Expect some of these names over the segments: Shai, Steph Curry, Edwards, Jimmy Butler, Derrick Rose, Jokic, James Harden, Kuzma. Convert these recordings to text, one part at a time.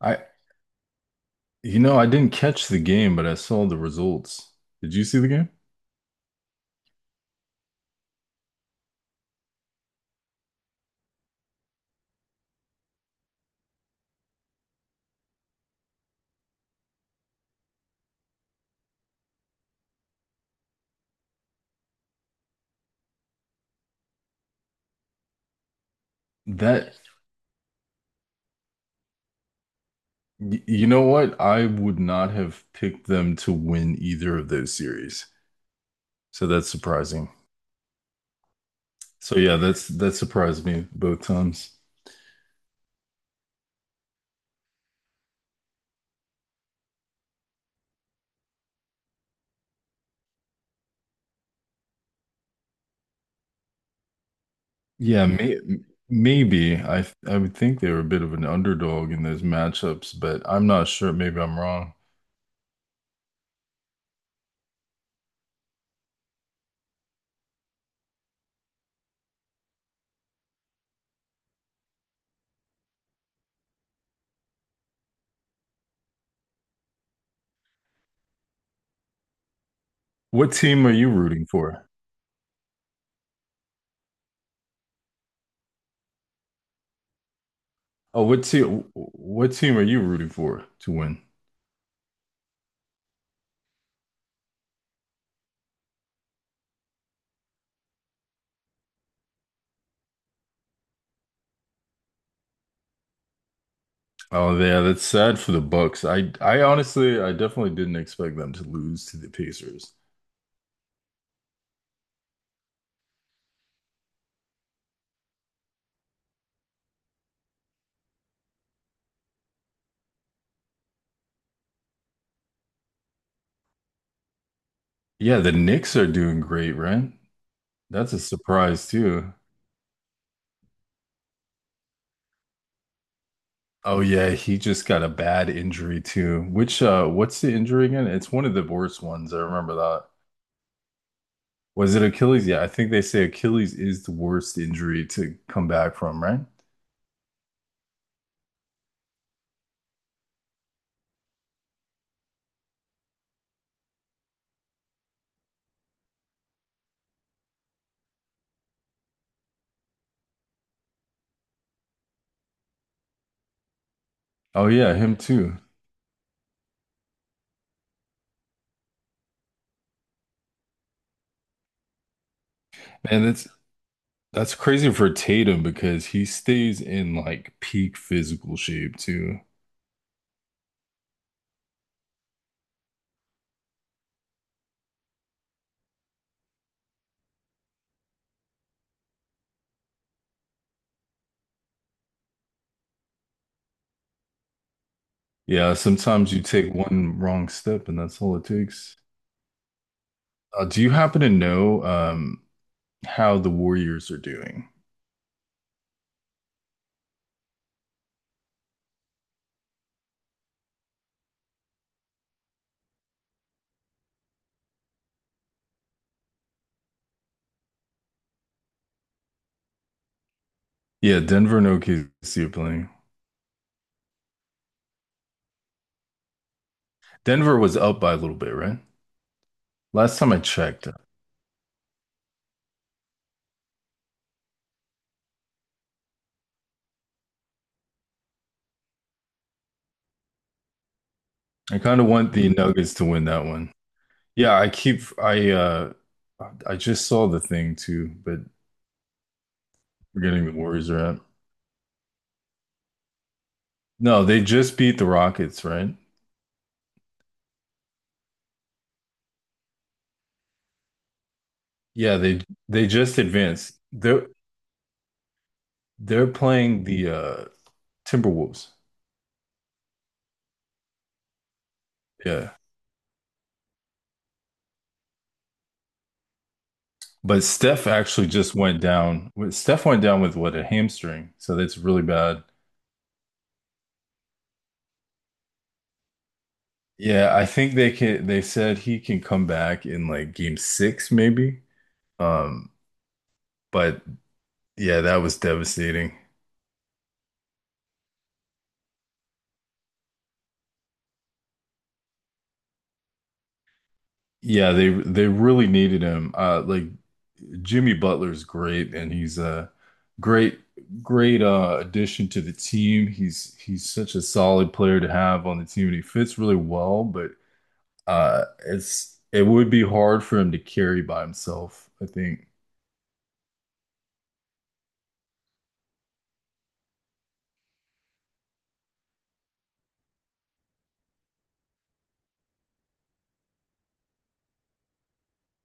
I, you know, I didn't catch the game, but I saw the results. Did you see the game? That, you know what? I would not have picked them to win either of those series. So that's surprising. So yeah, that surprised me both times. Yeah, maybe I would think they were a bit of an underdog in those matchups, but I'm not sure. Maybe I'm wrong. What team are you rooting for? Oh, what team? What team are you rooting for to win? Oh yeah, that's sad for the Bucks. I honestly I definitely didn't expect them to lose to the Pacers. Yeah, the Knicks are doing great, right? That's a surprise too. Oh yeah, he just got a bad injury too. Which what's the injury again? It's one of the worst ones. I remember that. Was it Achilles? Yeah, I think they say Achilles is the worst injury to come back from, right? Oh yeah, him too. And that's crazy for Tatum because he stays in like peak physical shape too. Yeah, sometimes you take one wrong step and that's all it takes. Do you happen to know how the Warriors are doing? Yeah, Denver and OKC are playing. Denver was up by a little bit, right? Last time I checked, I kind of want the Nuggets to win that one. Yeah, I keep I just saw the thing too, but forgetting the Warriors are up. No, they just beat the Rockets, right? Yeah, they just advanced. They're playing the Timberwolves. Yeah. But Steph actually just went down. Steph went down with what, a hamstring. So that's really bad. Yeah, I think they said he can come back in like game six, maybe. Um, but yeah, that was devastating. Yeah, they really needed him. Like Jimmy Butler's great and he's a great great addition to the team. He's such a solid player to have on the team and he fits really well, but it would be hard for him to carry by himself, I think.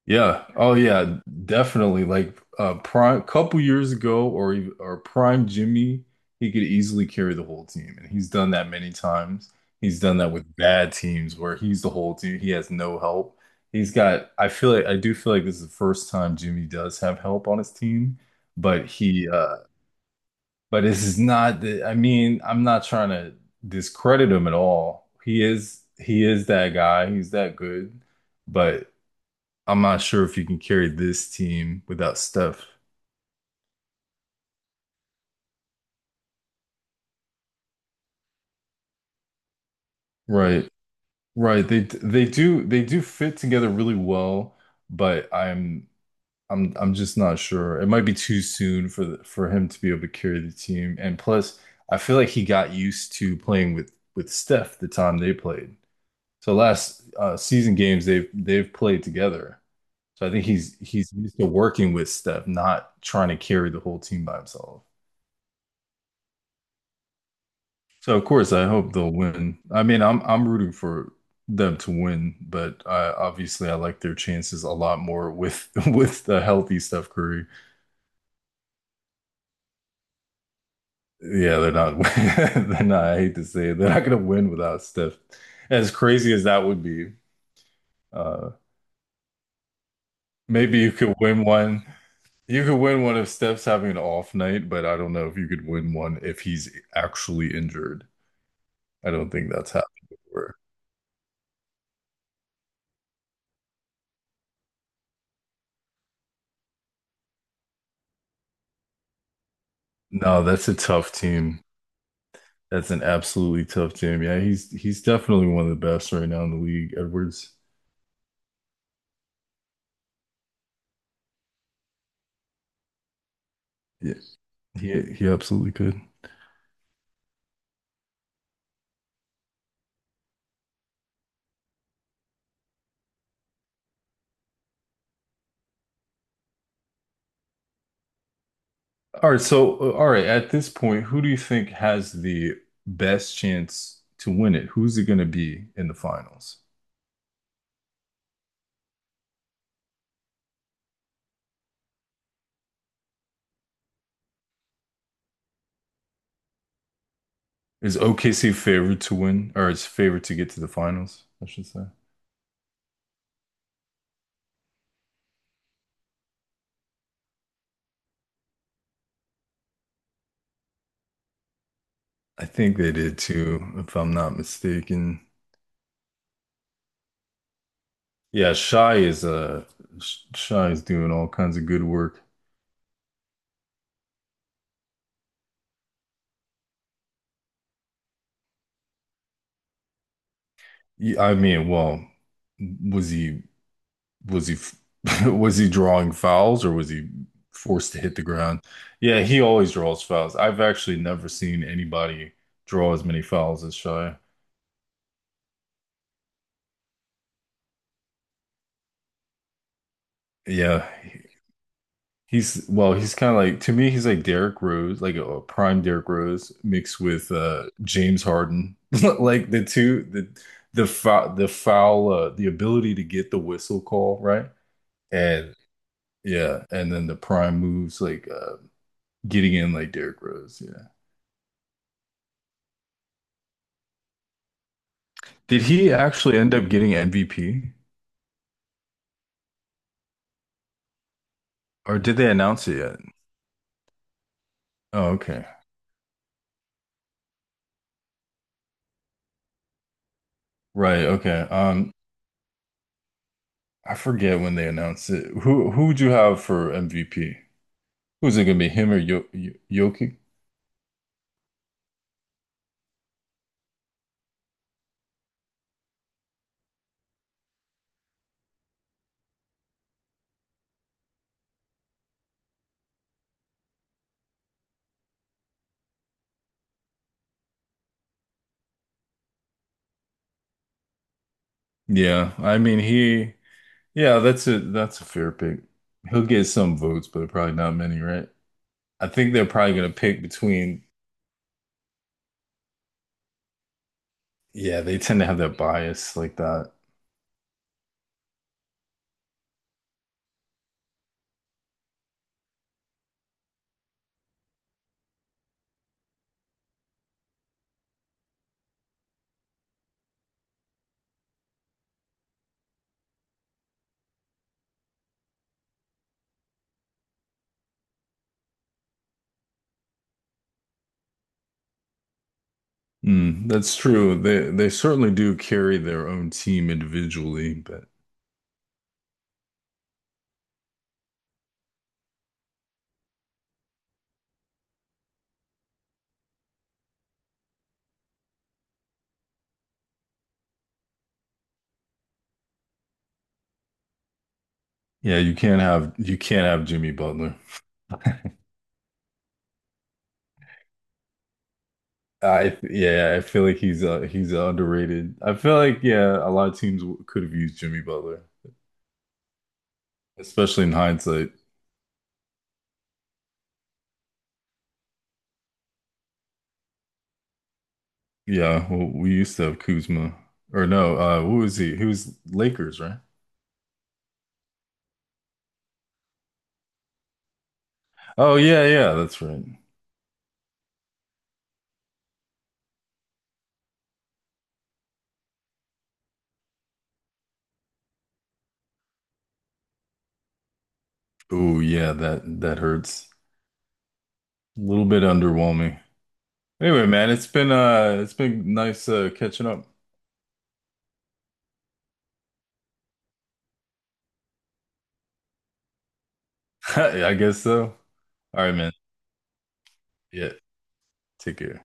Yeah. Oh yeah, definitely. Like prime couple years ago or prime Jimmy, he could easily carry the whole team and he's done that many times. He's done that with bad teams where he's the whole team. He has no help. He's got I feel like I do feel like this is the first time Jimmy does have help on his team, but he uh but this is not the, I mean, I'm not trying to discredit him at all. He is that guy. He's that good. But I'm not sure if you can carry this team without Steph. Right. Right. They do fit together really well, but I'm just not sure. It might be too soon for for him to be able to carry the team. And plus, I feel like he got used to playing with Steph the time they played. So last season games they've played together. So I think he's used to working with Steph, not trying to carry the whole team by himself. So of course I hope they'll win. I'm rooting for them to win, but obviously I like their chances a lot more with with the healthy Steph Curry. Yeah, they're not they're not. I hate to say it, they're not going to win without Steph. As crazy as that would be, uh, maybe you could win one if Steph's having an off night, but I don't know if you could win one if he's actually injured. I don't think that's happened before. No, that's a tough team. That's an absolutely tough team. Yeah, he's definitely one of the best right now in the league, Edwards. Yeah, he absolutely could. All right, so at this point, who do you think has the best chance to win it? Who's it going to be in the finals? Is OKC favored to win, or is favored to get to the finals, I should say? I think they did too, if I'm not mistaken. Yeah, Shy is doing all kinds of good work. I mean, well, was he? was he f- was he drawing fouls or was he forced to hit the ground? Yeah, he always draws fouls. I've actually never seen anybody draw as many fouls as Shai. Yeah, he's well, he's kind of like to me, he's like Derrick Rose, like a prime Derrick Rose mixed with James Harden. Like the the foul the ability to get the whistle call, right? And yeah, and then the prime moves like getting in like Derrick Rose. Yeah. Did he actually end up getting MVP? Or did they announce it yet? Oh, okay. Right, okay. I forget when they announced it. Who would you have for MVP? Who's it gonna be? Him or Jokic? Yeah, I mean he yeah, that's a fair pick. He'll get some votes, but probably not many, right? I think they're probably gonna pick between yeah, they tend to have that bias like that. Mm, that's true. They certainly do carry their own team individually, but yeah, you can't have Jimmy Butler. I Yeah, I feel like he's underrated. I feel like yeah, a lot of teams could have used Jimmy Butler, especially in hindsight. Yeah, well, we used to have Kuzma, or no, who was he? He was Lakers, right? Oh yeah, yeah, that's right. Oh yeah, that that hurts. A little bit underwhelming. Anyway, man, it's been nice catching up. I guess so. All right, man. Yeah, take care.